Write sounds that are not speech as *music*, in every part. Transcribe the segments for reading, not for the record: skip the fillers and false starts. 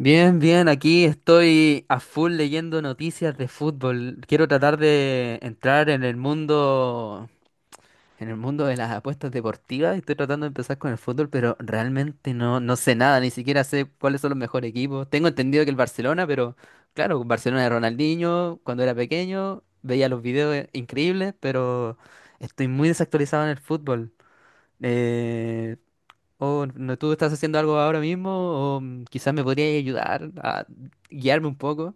Bien, bien, aquí estoy a full leyendo noticias de fútbol. Quiero tratar de entrar en el mundo de las apuestas deportivas. Estoy tratando de empezar con el fútbol, pero realmente no, no sé nada, ni siquiera sé cuáles son los mejores equipos. Tengo entendido que el Barcelona, pero claro, Barcelona de Ronaldinho, cuando era pequeño, veía los videos increíbles, pero estoy muy desactualizado en el fútbol. Eh, o no, ¿tú estás haciendo algo ahora mismo, o quizás me podrías ayudar a guiarme un poco?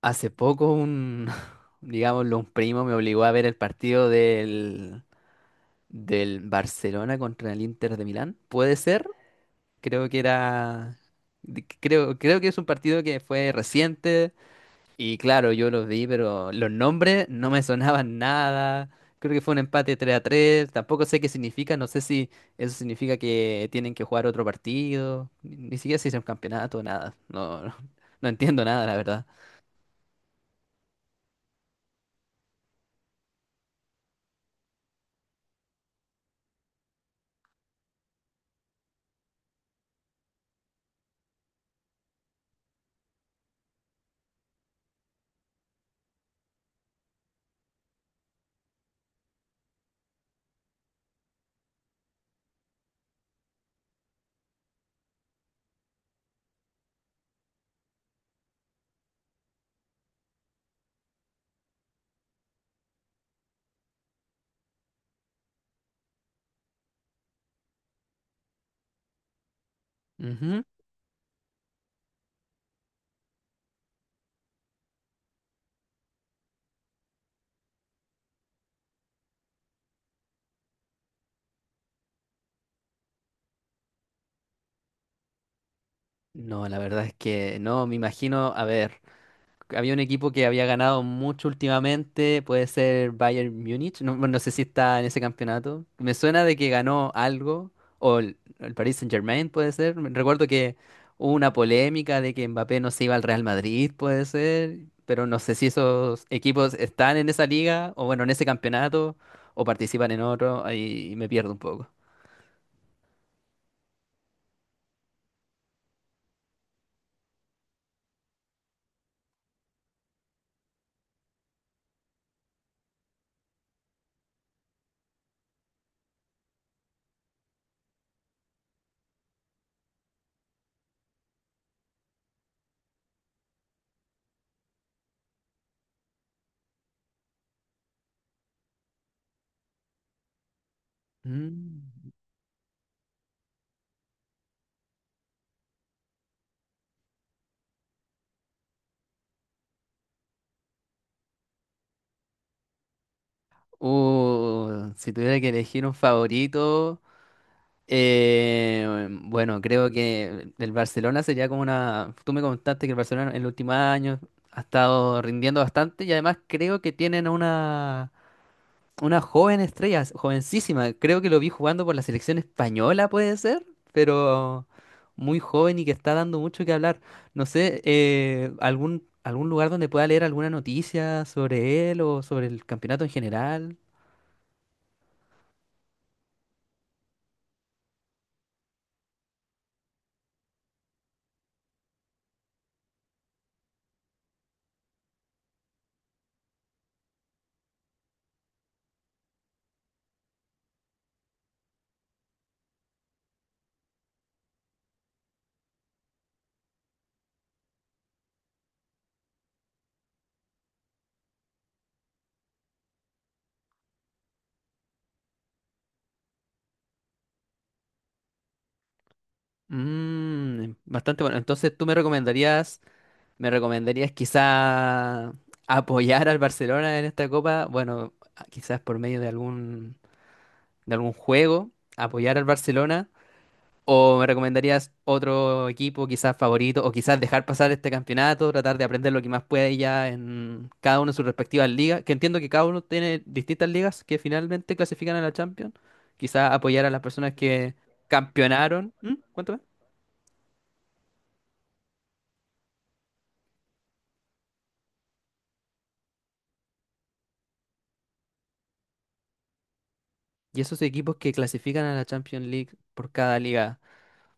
Hace poco un, *laughs* digámoslo, un primo me obligó a ver el partido del Barcelona contra el Inter de Milán. ¿Puede ser? Creo que era... Creo que es un partido que fue reciente. Y claro, yo los vi, pero los nombres no me sonaban nada. Creo que fue un empate 3-3. Tampoco sé qué significa. No sé si eso significa que tienen que jugar otro partido. Ni siquiera si es un campeonato, nada. No, no, *laughs* no entiendo nada, la verdad. Ujú. No, la verdad es que no, me imagino, a ver. Había un equipo que había ganado mucho últimamente, puede ser Bayern Múnich, no, no sé si está en ese campeonato. Me suena de que ganó algo, o el Paris Saint-Germain puede ser. Recuerdo que hubo una polémica de que Mbappé no se iba al Real Madrid, puede ser, pero no sé si esos equipos están en esa liga, o bueno, en ese campeonato, o participan en otro, ahí me pierdo un poco. Mm. Si tuviera que elegir un favorito... bueno, creo que el Barcelona sería como una... Tú me contaste que el Barcelona en los últimos años ha estado rindiendo bastante, y además creo que tienen una, joven estrella, jovencísima. Creo que lo vi jugando por la selección española, puede ser, pero muy joven y que está dando mucho que hablar. No sé, algún lugar donde pueda leer alguna noticia sobre él o sobre el campeonato en general. Bastante bueno. Entonces, ¿tú me recomendarías... me recomendarías quizá apoyar al Barcelona en esta copa? Bueno, quizás por medio de algún juego, apoyar al Barcelona. ¿O me recomendarías otro equipo quizás favorito? ¿O quizás dejar pasar este campeonato, tratar de aprender lo que más puede ya en cada uno de sus respectivas ligas? Que entiendo que cada uno tiene distintas ligas que finalmente clasifican a la Champions. Quizás apoyar a las personas que campeonaron. ¿Mm? Cuéntame. Y esos equipos que clasifican a la Champions League por cada liga.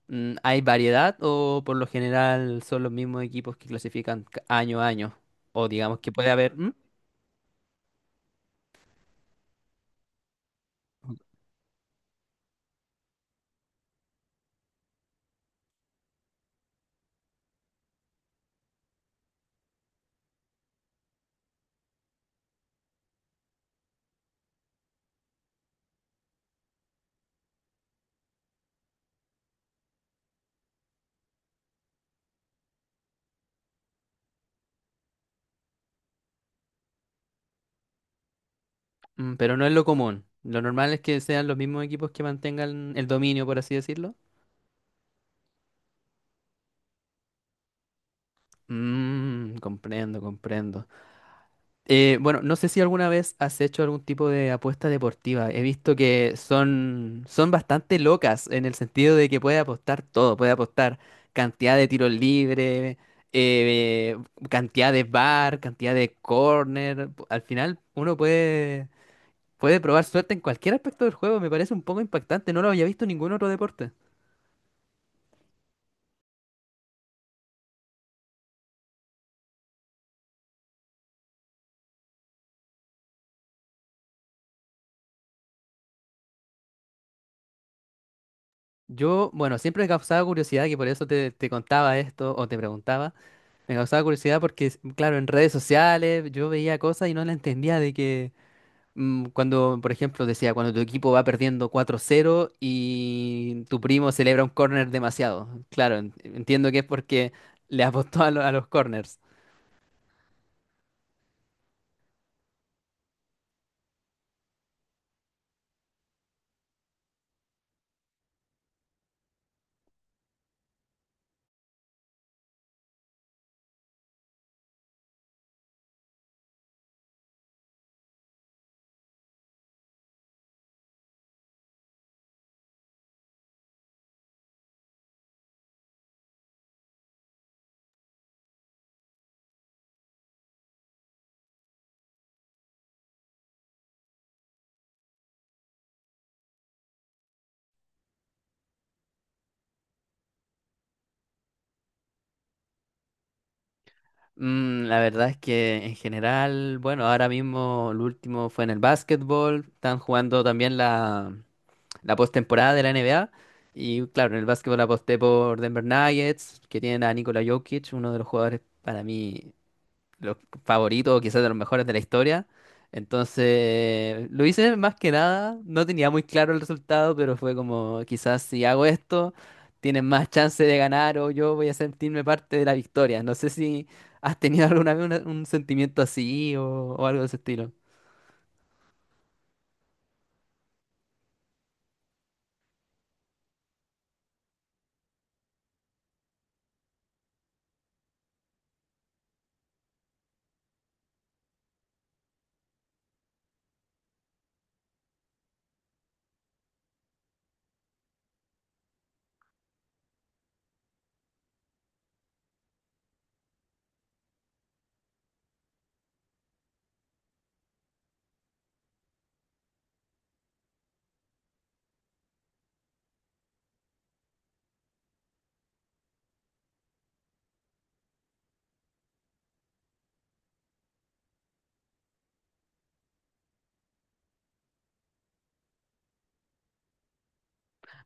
¿Hay variedad o por lo general son los mismos equipos que clasifican año a año? O digamos que puede haber, ¿mm? Pero no es lo común. Lo normal es que sean los mismos equipos que mantengan el dominio, por así decirlo. Comprendo, comprendo. Bueno, no sé si alguna vez has hecho algún tipo de apuesta deportiva. He visto que son, bastante locas, en el sentido de que puede apostar todo, puede apostar cantidad de tiros libres, eh, cantidad de bar, cantidad de corner. Al final uno puede, puede probar suerte en cualquier aspecto del juego. Me parece un poco impactante, no lo había visto en ningún otro deporte. Yo, bueno, siempre he causado curiosidad, que por eso te contaba esto o te preguntaba. Me causaba curiosidad porque, claro, en redes sociales yo veía cosas y no la entendía, de que cuando, por ejemplo, decía: cuando tu equipo va perdiendo 4-0 y tu primo celebra un corner demasiado. Claro, entiendo que es porque le apostó a los corners. La verdad es que en general, bueno, ahora mismo el último fue en el básquetbol. Están jugando también la postemporada de la NBA y claro, en el básquetbol aposté por Denver Nuggets, que tienen a Nikola Jokic, uno de los jugadores para mí los favoritos, quizás de los mejores de la historia. Entonces, lo hice más que nada, no tenía muy claro el resultado, pero fue como, quizás si hago esto, tienen más chance de ganar o yo voy a sentirme parte de la victoria. No sé si has tenido *laughs* alguna vez un sentimiento así o algo de ese estilo.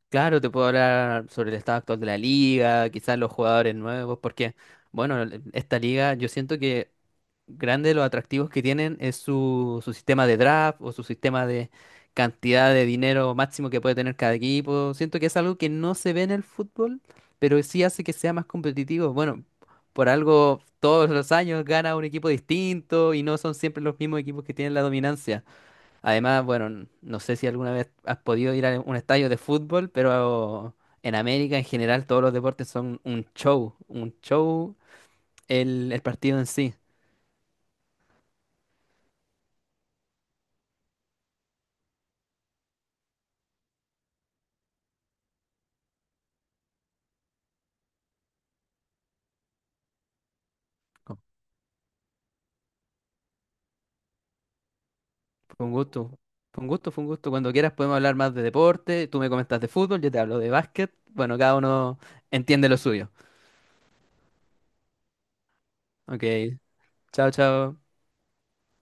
Claro, te puedo hablar sobre el estado actual de la liga, quizás los jugadores nuevos, porque, bueno, esta liga yo siento que grande de los atractivos que tienen es su sistema de draft, o su sistema de cantidad de dinero máximo que puede tener cada equipo. Siento que es algo que no se ve en el fútbol, pero sí hace que sea más competitivo. Bueno, por algo todos los años gana un equipo distinto y no son siempre los mismos equipos que tienen la dominancia. Además, bueno, no sé si alguna vez has podido ir a un estadio de fútbol, pero en América en general todos los deportes son un show el partido en sí. Com- Fue un gusto, fue un gusto, fue un gusto. Cuando quieras podemos hablar más de deporte, tú me comentas de fútbol, yo te hablo de básquet. Bueno, cada uno entiende lo suyo. Ok, chao, chao.